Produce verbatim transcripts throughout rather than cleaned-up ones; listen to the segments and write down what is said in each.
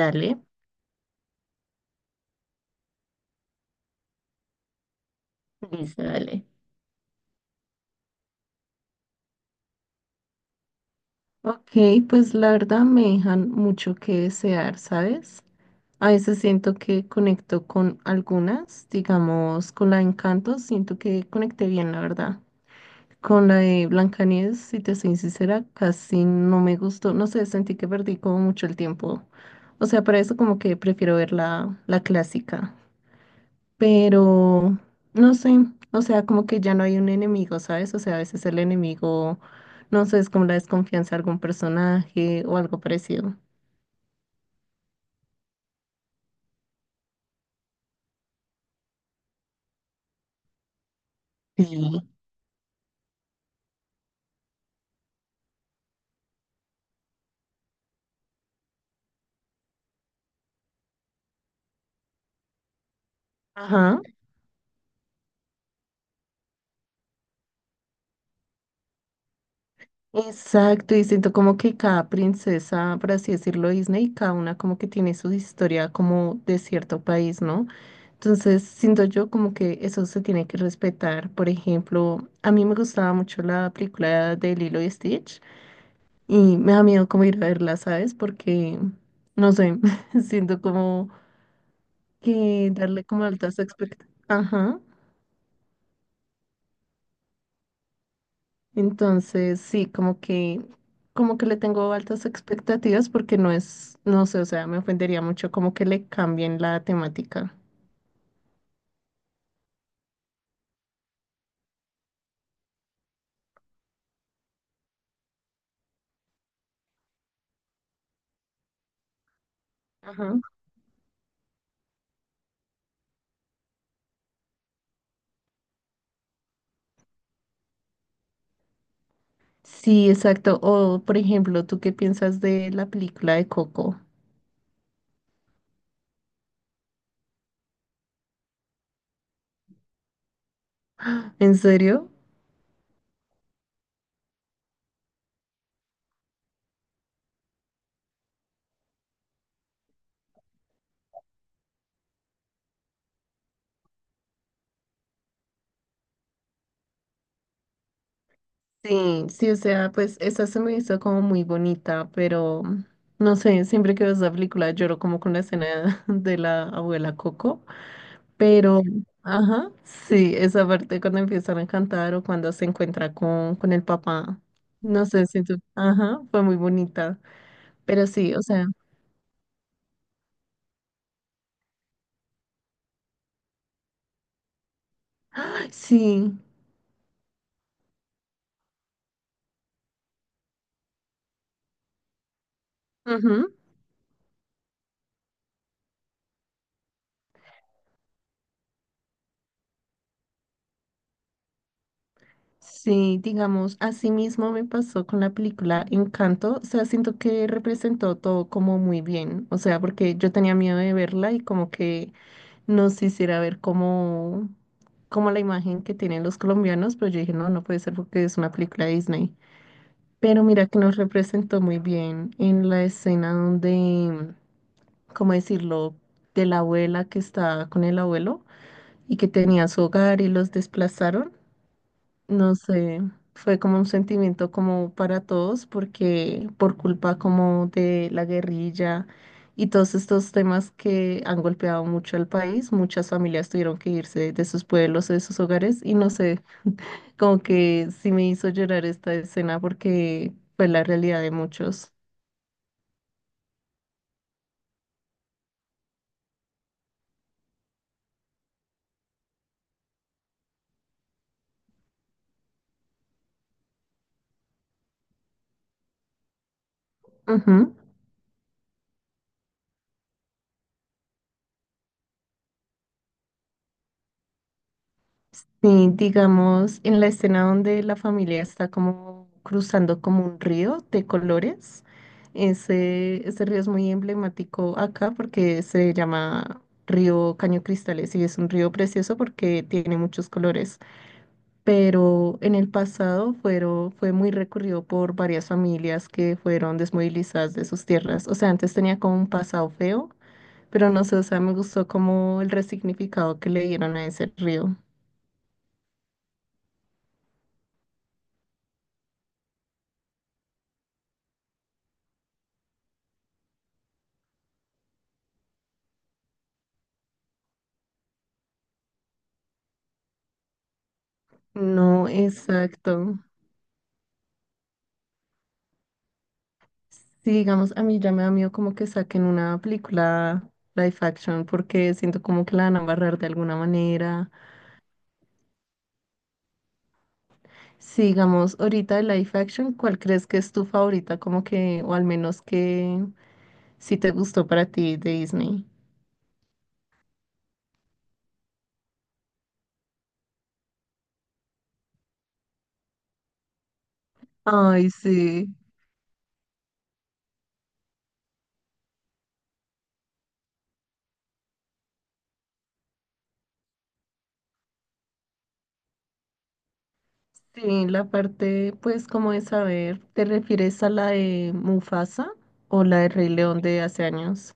Dale, listo, dale. Ok, pues la verdad me dejan mucho que desear, ¿sabes? A veces siento que conecto con algunas, digamos, con la de Encanto, siento que conecté bien, la verdad. Con la de Blancanieves, si te soy sincera, casi no me gustó, no sé, sentí que perdí como mucho el tiempo. O sea, para eso como que prefiero ver la, la clásica. Pero no sé, o sea, como que ya no hay un enemigo, ¿sabes? O sea, a veces el enemigo, no sé, es como la desconfianza de algún personaje o algo parecido. Sí. Ajá, exacto, y siento como que cada princesa, por así decirlo, Disney, cada una como que tiene su historia como de cierto país, ¿no? Entonces, siento yo como que eso se tiene que respetar. Por ejemplo, a mí me gustaba mucho la película de Lilo y Stitch. Y me da miedo como ir a verla, ¿sabes? Porque no sé, siento como que darle como altas expectativas. Ajá. Entonces, sí, como que, como que le tengo altas expectativas porque no es, no sé, o sea, me ofendería mucho como que le cambien la temática. Ajá. Sí, exacto. O, por ejemplo, ¿tú qué piensas de la película de Coco? ¿En serio? Sí, sí, o sea, pues esa se me hizo como muy bonita, pero mm, no sé, siempre que veo esa película lloro como con la escena de la abuela Coco, pero, ajá, sí, esa parte cuando empiezan a cantar o cuando se encuentra con, con el papá, no sé, siento, ajá, fue muy bonita, pero sí, o sea, sí. Sí, digamos, así mismo me pasó con la película Encanto, o sea, siento que representó todo como muy bien, o sea, porque yo tenía miedo de verla y como que no se hiciera ver como, como la imagen que tienen los colombianos, pero yo dije, no, no puede ser porque es una película de Disney. Pero mira que nos representó muy bien en la escena donde, ¿cómo decirlo?, de la abuela que está con el abuelo y que tenía su hogar y los desplazaron. No sé, fue como un sentimiento como para todos, porque por culpa como de la guerrilla y todos estos temas que han golpeado mucho al país, muchas familias tuvieron que irse de sus pueblos, de sus hogares, y no sé, como que sí me hizo llorar esta escena porque fue la realidad de muchos. Ujú. Sí, digamos, en la escena donde la familia está como cruzando como un río de colores, ese, ese río es muy emblemático acá porque se llama Río Caño Cristales y es un río precioso porque tiene muchos colores, pero en el pasado fueron, fue muy recurrido por varias familias que fueron desmovilizadas de sus tierras. O sea, antes tenía como un pasado feo, pero no sé, o sea, me gustó como el resignificado que le dieron a ese río. No, exacto. Sí, digamos, a mí ya me da miedo como que saquen una película live action porque siento como que la van a barrar de alguna manera. Sí, digamos, ahorita de live action, ¿cuál crees que es tu favorita? Como que, o al menos que sí te gustó para ti de Disney. Ay, sí. Sí, la parte, pues, como de saber, ¿te refieres a la de Mufasa o la de Rey León de hace años?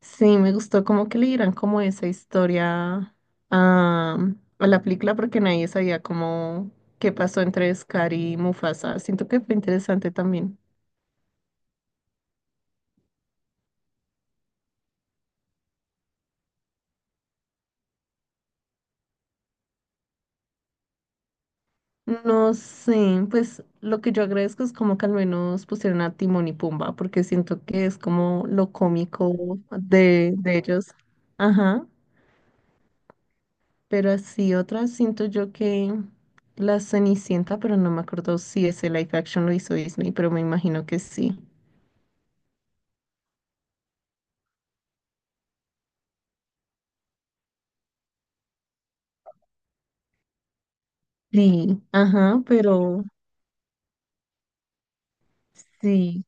Sí, me gustó como que le dieran como esa historia a, a la película porque nadie sabía cómo qué pasó entre Scar y Mufasa. Siento que fue interesante también. No sé, pues lo que yo agradezco es como que al menos pusieron a Timón y Pumba porque siento que es como lo cómico de, de ellos. Ajá, pero así otras siento yo que La Cenicienta, pero no me acuerdo si ese live action lo hizo Disney, pero me imagino que sí. Sí, ajá, pero sí,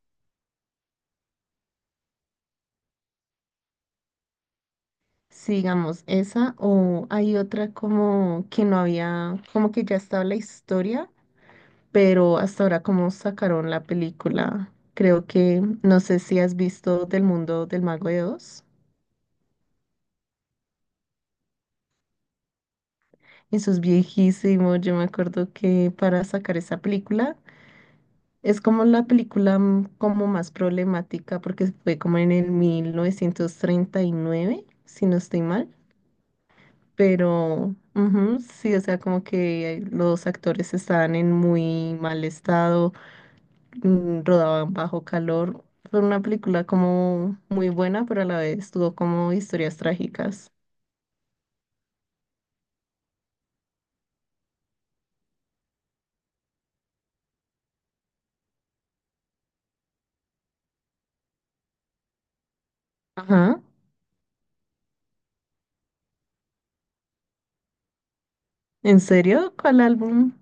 sigamos esa o hay otra como que no había, como que ya estaba la historia, pero hasta ahora como sacaron la película. Creo que, no sé si has visto Del Mundo del Mago de Oz. Eso es viejísimo, yo me acuerdo que para sacar esa película es como la película mm, como más problemática porque fue como en el mil novecientos treinta y nueve, si no estoy mal. Pero ujú, sí, o sea, como que los actores estaban en muy mal estado, mm, rodaban bajo calor. Fue una película como muy buena, pero a la vez tuvo como historias trágicas. Ajá. ¿En serio? ¿Cuál álbum?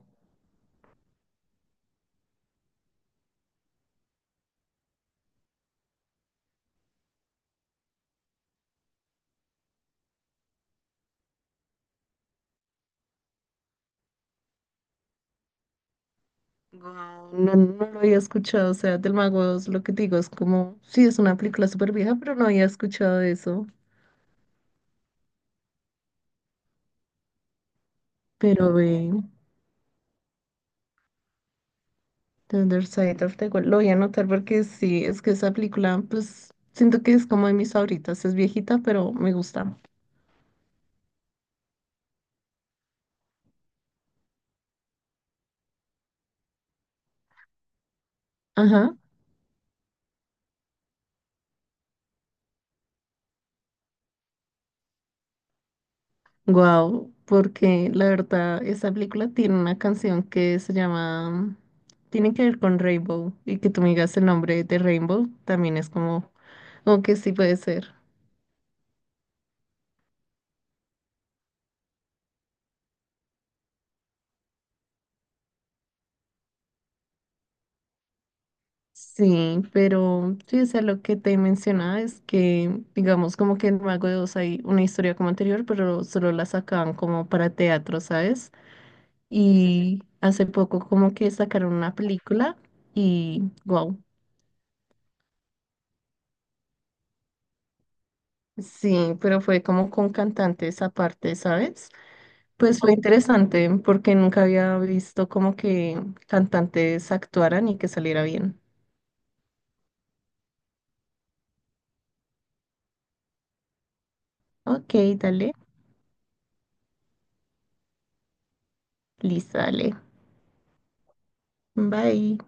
Guau, no, no lo había escuchado, o sea, del Mago de Oz, lo que te digo es como, sí, es una película súper vieja, pero no había escuchado eso. Pero ve. The Other Side of the Wall. Lo voy a anotar porque sí, es que esa película, pues siento que es como de mis favoritas. Es viejita, pero me gusta. Ajá. Wow, porque la verdad, esa película tiene una canción que se llama. Tiene que ver con Rainbow. Y que tú me digas el nombre de Rainbow también es como. Como que sí puede ser. Sí, pero sí, o sea, lo que te mencionaba es que, digamos, como que en Mago de Oz hay una historia como anterior, pero solo la sacaban como para teatro, ¿sabes? Y hace poco como que sacaron una película y wow. Sí, pero fue como con cantantes aparte, ¿sabes? Pues fue interesante porque nunca había visto como que cantantes actuaran y que saliera bien. Ok, dale. Listo, dale. Bye.